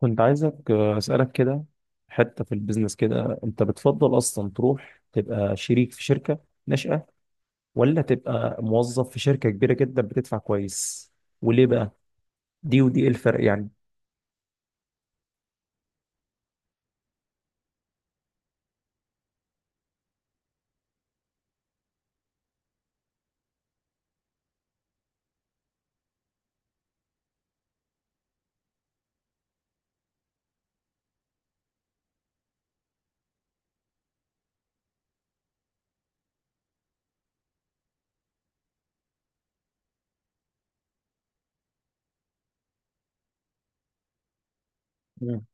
كنت عايزك أسألك كده حتة في البيزنس كده. أنت بتفضل أصلا تروح تبقى شريك في شركة ناشئة، ولا تبقى موظف في شركة كبيرة جدا بتدفع كويس؟ وليه بقى دي ودي؟ إيه الفرق يعني؟ مم.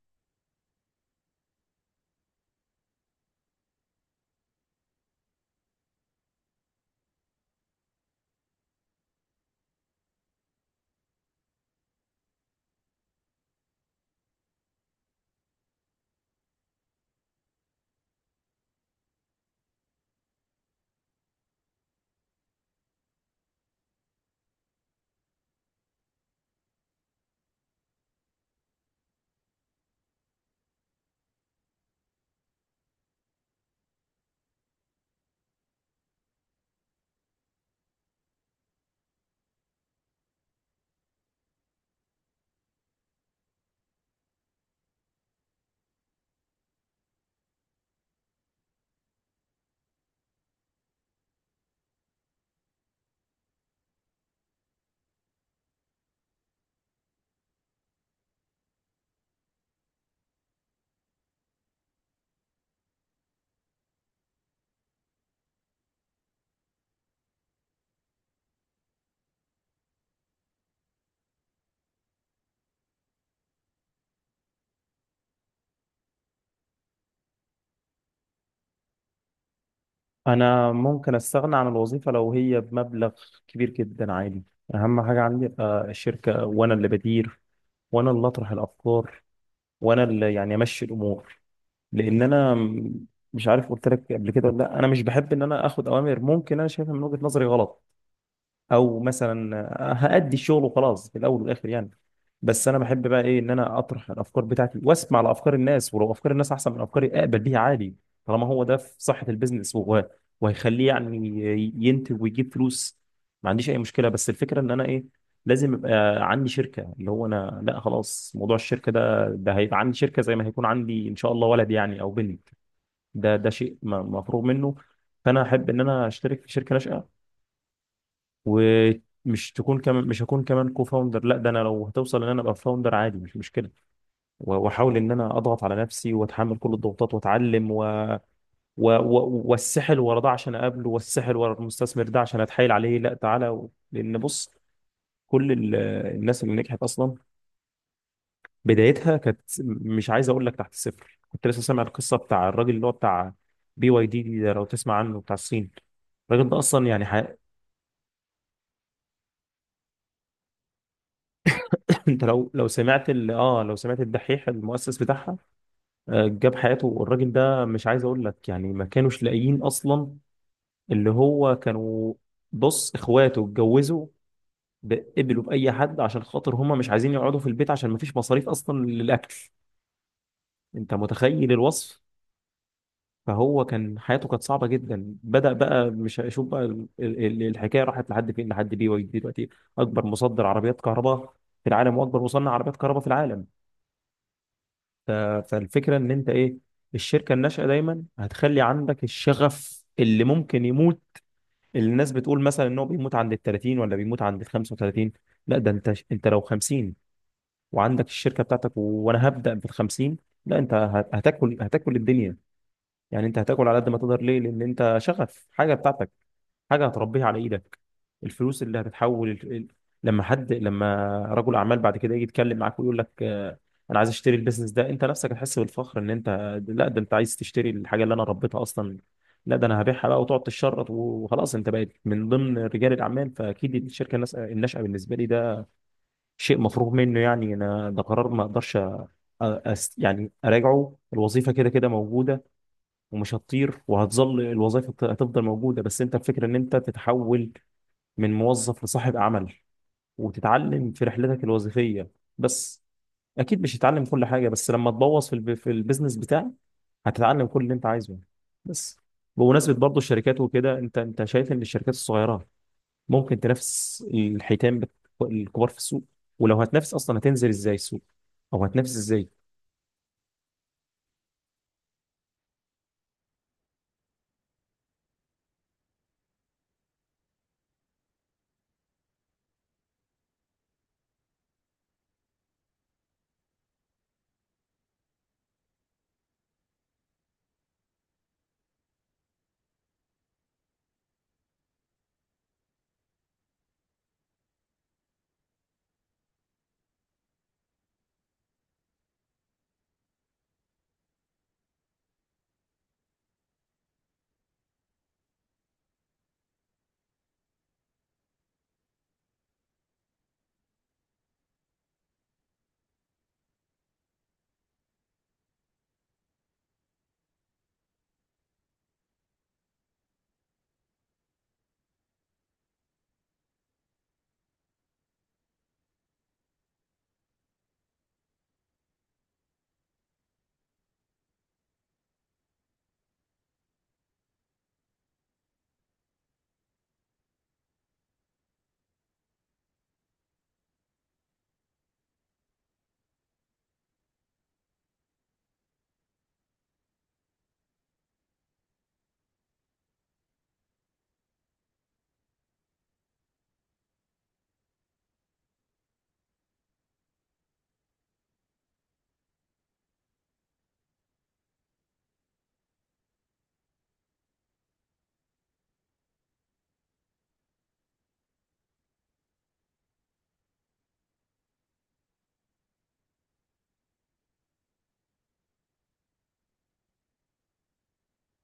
أنا ممكن أستغنى عن الوظيفة لو هي بمبلغ كبير جدا، عادي. أهم حاجة عندي أبقى الشركة وأنا اللي بدير، وأنا اللي أطرح الأفكار، وأنا اللي يعني أمشي الأمور. لان انا مش عارف قلت لك قبل كده ولا لا، انا مش بحب ان انا اخد اوامر ممكن انا شايفها من وجهة نظري غلط. او مثلا هأدي الشغل وخلاص في الاول والاخر يعني. بس انا بحب بقى ايه، ان انا اطرح الافكار بتاعتي واسمع لافكار الناس، ولو افكار الناس احسن من افكاري اقبل بيها عادي. طالما هو ده في صحة البيزنس وهو يعني ينتج ويجيب فلوس، ما عنديش اي مشكلة. بس الفكرة ان انا ايه، لازم يبقى عندي شركة. اللي هو انا لا خلاص، موضوع الشركة ده، ده هيبقى عندي شركة زي ما هيكون عندي ان شاء الله ولد يعني او بنت. ده ده شيء مفروغ منه. فانا احب ان انا اشترك في شركه ناشئه، ومش تكون كمان مش هكون كمان كو فاوندر. لا ده انا لو هتوصل ان انا ابقى فاوندر عادي، مش مشكله. واحاول ان انا اضغط على نفسي واتحمل كل الضغوطات واتعلم، والسحل ورا ده عشان اقابله، والسحل ورا المستثمر ده عشان اتحايل عليه لا تعالى لان بص، كل الناس اللي نجحت اصلا بدايتها كانت مش عايز اقول لك تحت الصفر. كنت لسه سامع القصه بتاع الراجل اللي هو بتاع بي واي دي ده؟ لو تسمع عنه، بتاع الصين. الراجل ده اصلا يعني انت لو لو سمعت ال... اه لو سمعت الدحيح المؤسس بتاعها، جاب حياته الراجل ده، مش عايز اقول لك يعني ما كانوش لاقيين اصلا. اللي هو كانوا، بص، اخواته اتجوزوا، قبلوا باي حد عشان خاطر هم مش عايزين يقعدوا في البيت، عشان ما فيش مصاريف اصلا للاكل. انت متخيل الوصف؟ فهو كان حياته كانت صعبة جدا. بدأ بقى، مش هشوف بقى الحكاية راحت لحد فين. لحد بي واي دي دلوقتي أكبر مصدر عربيات كهرباء في العالم، وأكبر مصنع عربيات كهرباء في العالم. ف- فالفكرة إن أنت إيه، الشركة الناشئة دايما هتخلي عندك الشغف اللي ممكن يموت. اللي الناس بتقول مثلا إن هو بيموت عند ال 30 ولا بيموت عند ال 35. لا ده أنت، أنت لو 50 وعندك الشركة بتاعتك وأنا هبدأ بال 50، لا أنت هتاكل هتاكل الدنيا. يعني أنت هتاكل على قد ما تقدر. ليه؟ لأن أنت شغف حاجة بتاعتك، حاجه هتربيها على ايدك. الفلوس اللي هتتحول لما حد، لما رجل اعمال بعد كده يجي يتكلم معاك ويقول لك انا عايز اشتري البيزنس ده، انت نفسك هتحس بالفخر ان انت، لا ده انت عايز تشتري الحاجه اللي انا ربيتها اصلا؟ لا ده انا هبيعها بقى، وتقعد تشرط. وخلاص انت بقيت من ضمن رجال الاعمال. فاكيد الشركه الناشئه بالنسبه لي ده شيء مفروغ منه يعني. انا ده قرار ما اقدرش أ- أست يعني اراجعه. الوظيفه كده كده موجوده ومش هتطير، وهتظل الوظيفه هتفضل موجوده، بس انت الفكره ان انت تتحول من موظف لصاحب عمل، وتتعلم في رحلتك الوظيفية بس. أكيد مش هتتعلم كل حاجة، بس لما تبوظ في في البيزنس بتاعك هتتعلم كل اللي أنت عايزه بس. بمناسبة برضه الشركات وكده، أنت شايف إن الشركات الصغيرة ممكن تنافس الحيتان الكبار في السوق؟ ولو هتنافس أصلا هتنزل إزاي السوق، أو هتنافس إزاي؟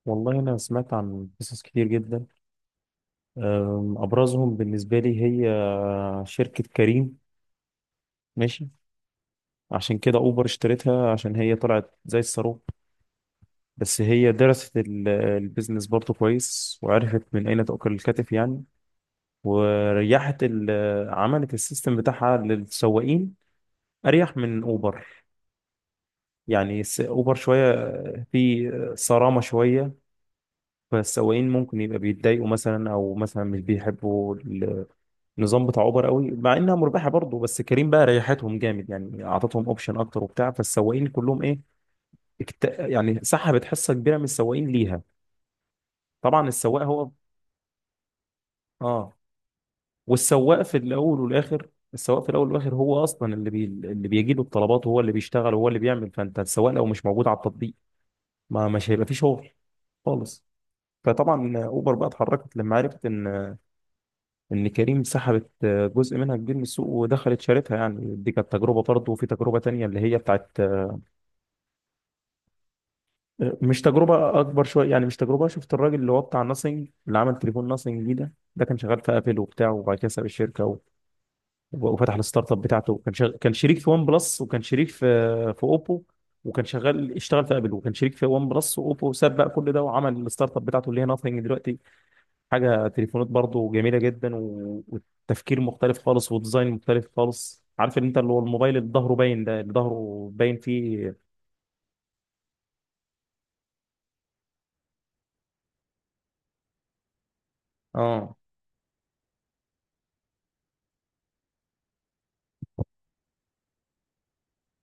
والله أنا سمعت عن قصص كتير جدا. أبرزهم بالنسبة لي هي شركة كريم. ماشي، عشان كده اوبر اشتريتها، عشان هي طلعت زي الصاروخ. بس هي درست البيزنس برضه كويس، وعرفت من اين تأكل الكتف يعني. وريحت عملت السيستم بتاعها للسواقين اريح من اوبر. يعني اوبر شويه في صرامه شويه، فالسواقين ممكن يبقى بيتضايقوا مثلا، او مثلا مش بيحبوا النظام بتاع اوبر قوي، مع انها مربحه برضه. بس كريم بقى ريحتهم جامد يعني، اعطتهم اوبشن اكتر وبتاع. فالسواقين كلهم ايه، يعني سحبت حصه كبيره من السواقين ليها. طبعا السواق هو، اه والسواق في الاول والاخر، هو اصلا اللي اللي بيجي له الطلبات، وهو اللي بيشتغل، وهو اللي بيعمل. فانت السواق لو مش موجود على التطبيق، ما مش هيبقى فيه شغل خالص. فطبعا اوبر بقى اتحركت لما عرفت ان كريم سحبت جزء منها كبير من السوق، ودخلت شارتها يعني. دي كانت تجربه برضه. وفي تجربه تانية اللي هي بتاعت، مش تجربة أكبر شوية يعني، مش تجربة، شفت الراجل اللي هو بتاع ناثينج اللي عمل تليفون ناثينج دي؟ ده كان شغال في أبل وبتاع، وبعد كده ساب الشركة وفتح الستارت اب بتاعته. كان شريك في ون بلس، وكان شريك في في أوبو. وكان شغال، اشتغل في أبل، وكان شريك في ون بلس وأوبو، وساب بقى كل ده وعمل الستارت اب بتاعته اللي هي ناثينج دلوقتي. حاجة تليفونات برضه جميلة جدا، والتفكير مختلف خالص، وديزاين مختلف خالص. عارف ان انت اللي هو الموبايل اللي ظهره باين ده، اللي ظهره باين فيه، اه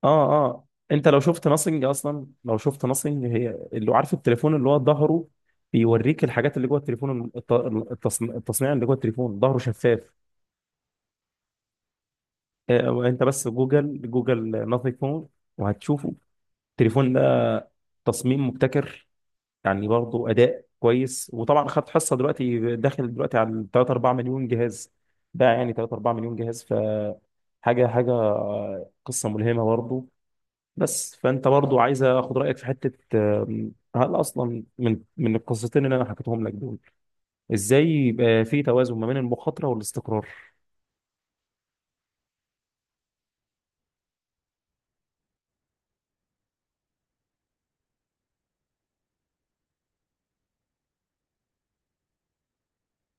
اه انت لو شفت ناصينج اصلا، لو شفت ناصينج، هي اللي عارف التليفون اللي هو ظهره بيوريك الحاجات اللي جوه التليفون. التصنيع اللي جوه التليفون ظهره شفاف. انت بس جوجل، جوجل ناثينج فون وهتشوفه. التليفون ده تصميم مبتكر، يعني برضه اداء كويس. وطبعا خد حصه دلوقتي، داخل دلوقتي على 3 4 مليون جهاز. ده يعني 3 4 مليون جهاز. حاجه قصه ملهمه برضه. بس فانت برضو عايز اخد رايك في حته، هل اصلا من القصتين اللي انا حكيتهم لك دول، ازاي يبقى في توازن ما بين المخاطره والاستقرار؟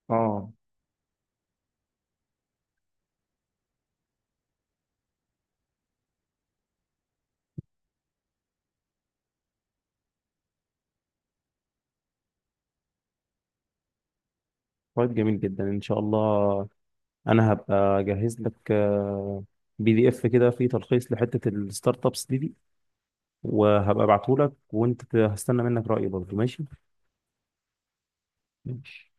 اه طيب جميل جدا ان شاء الله. انا هبقى اجهز لك بي دي اف كده، فيه تلخيص لحته الستارت ابس دي. وهبقى ابعته لك، وانت هستنى منك راي برضو. ماشي؟ ماشي.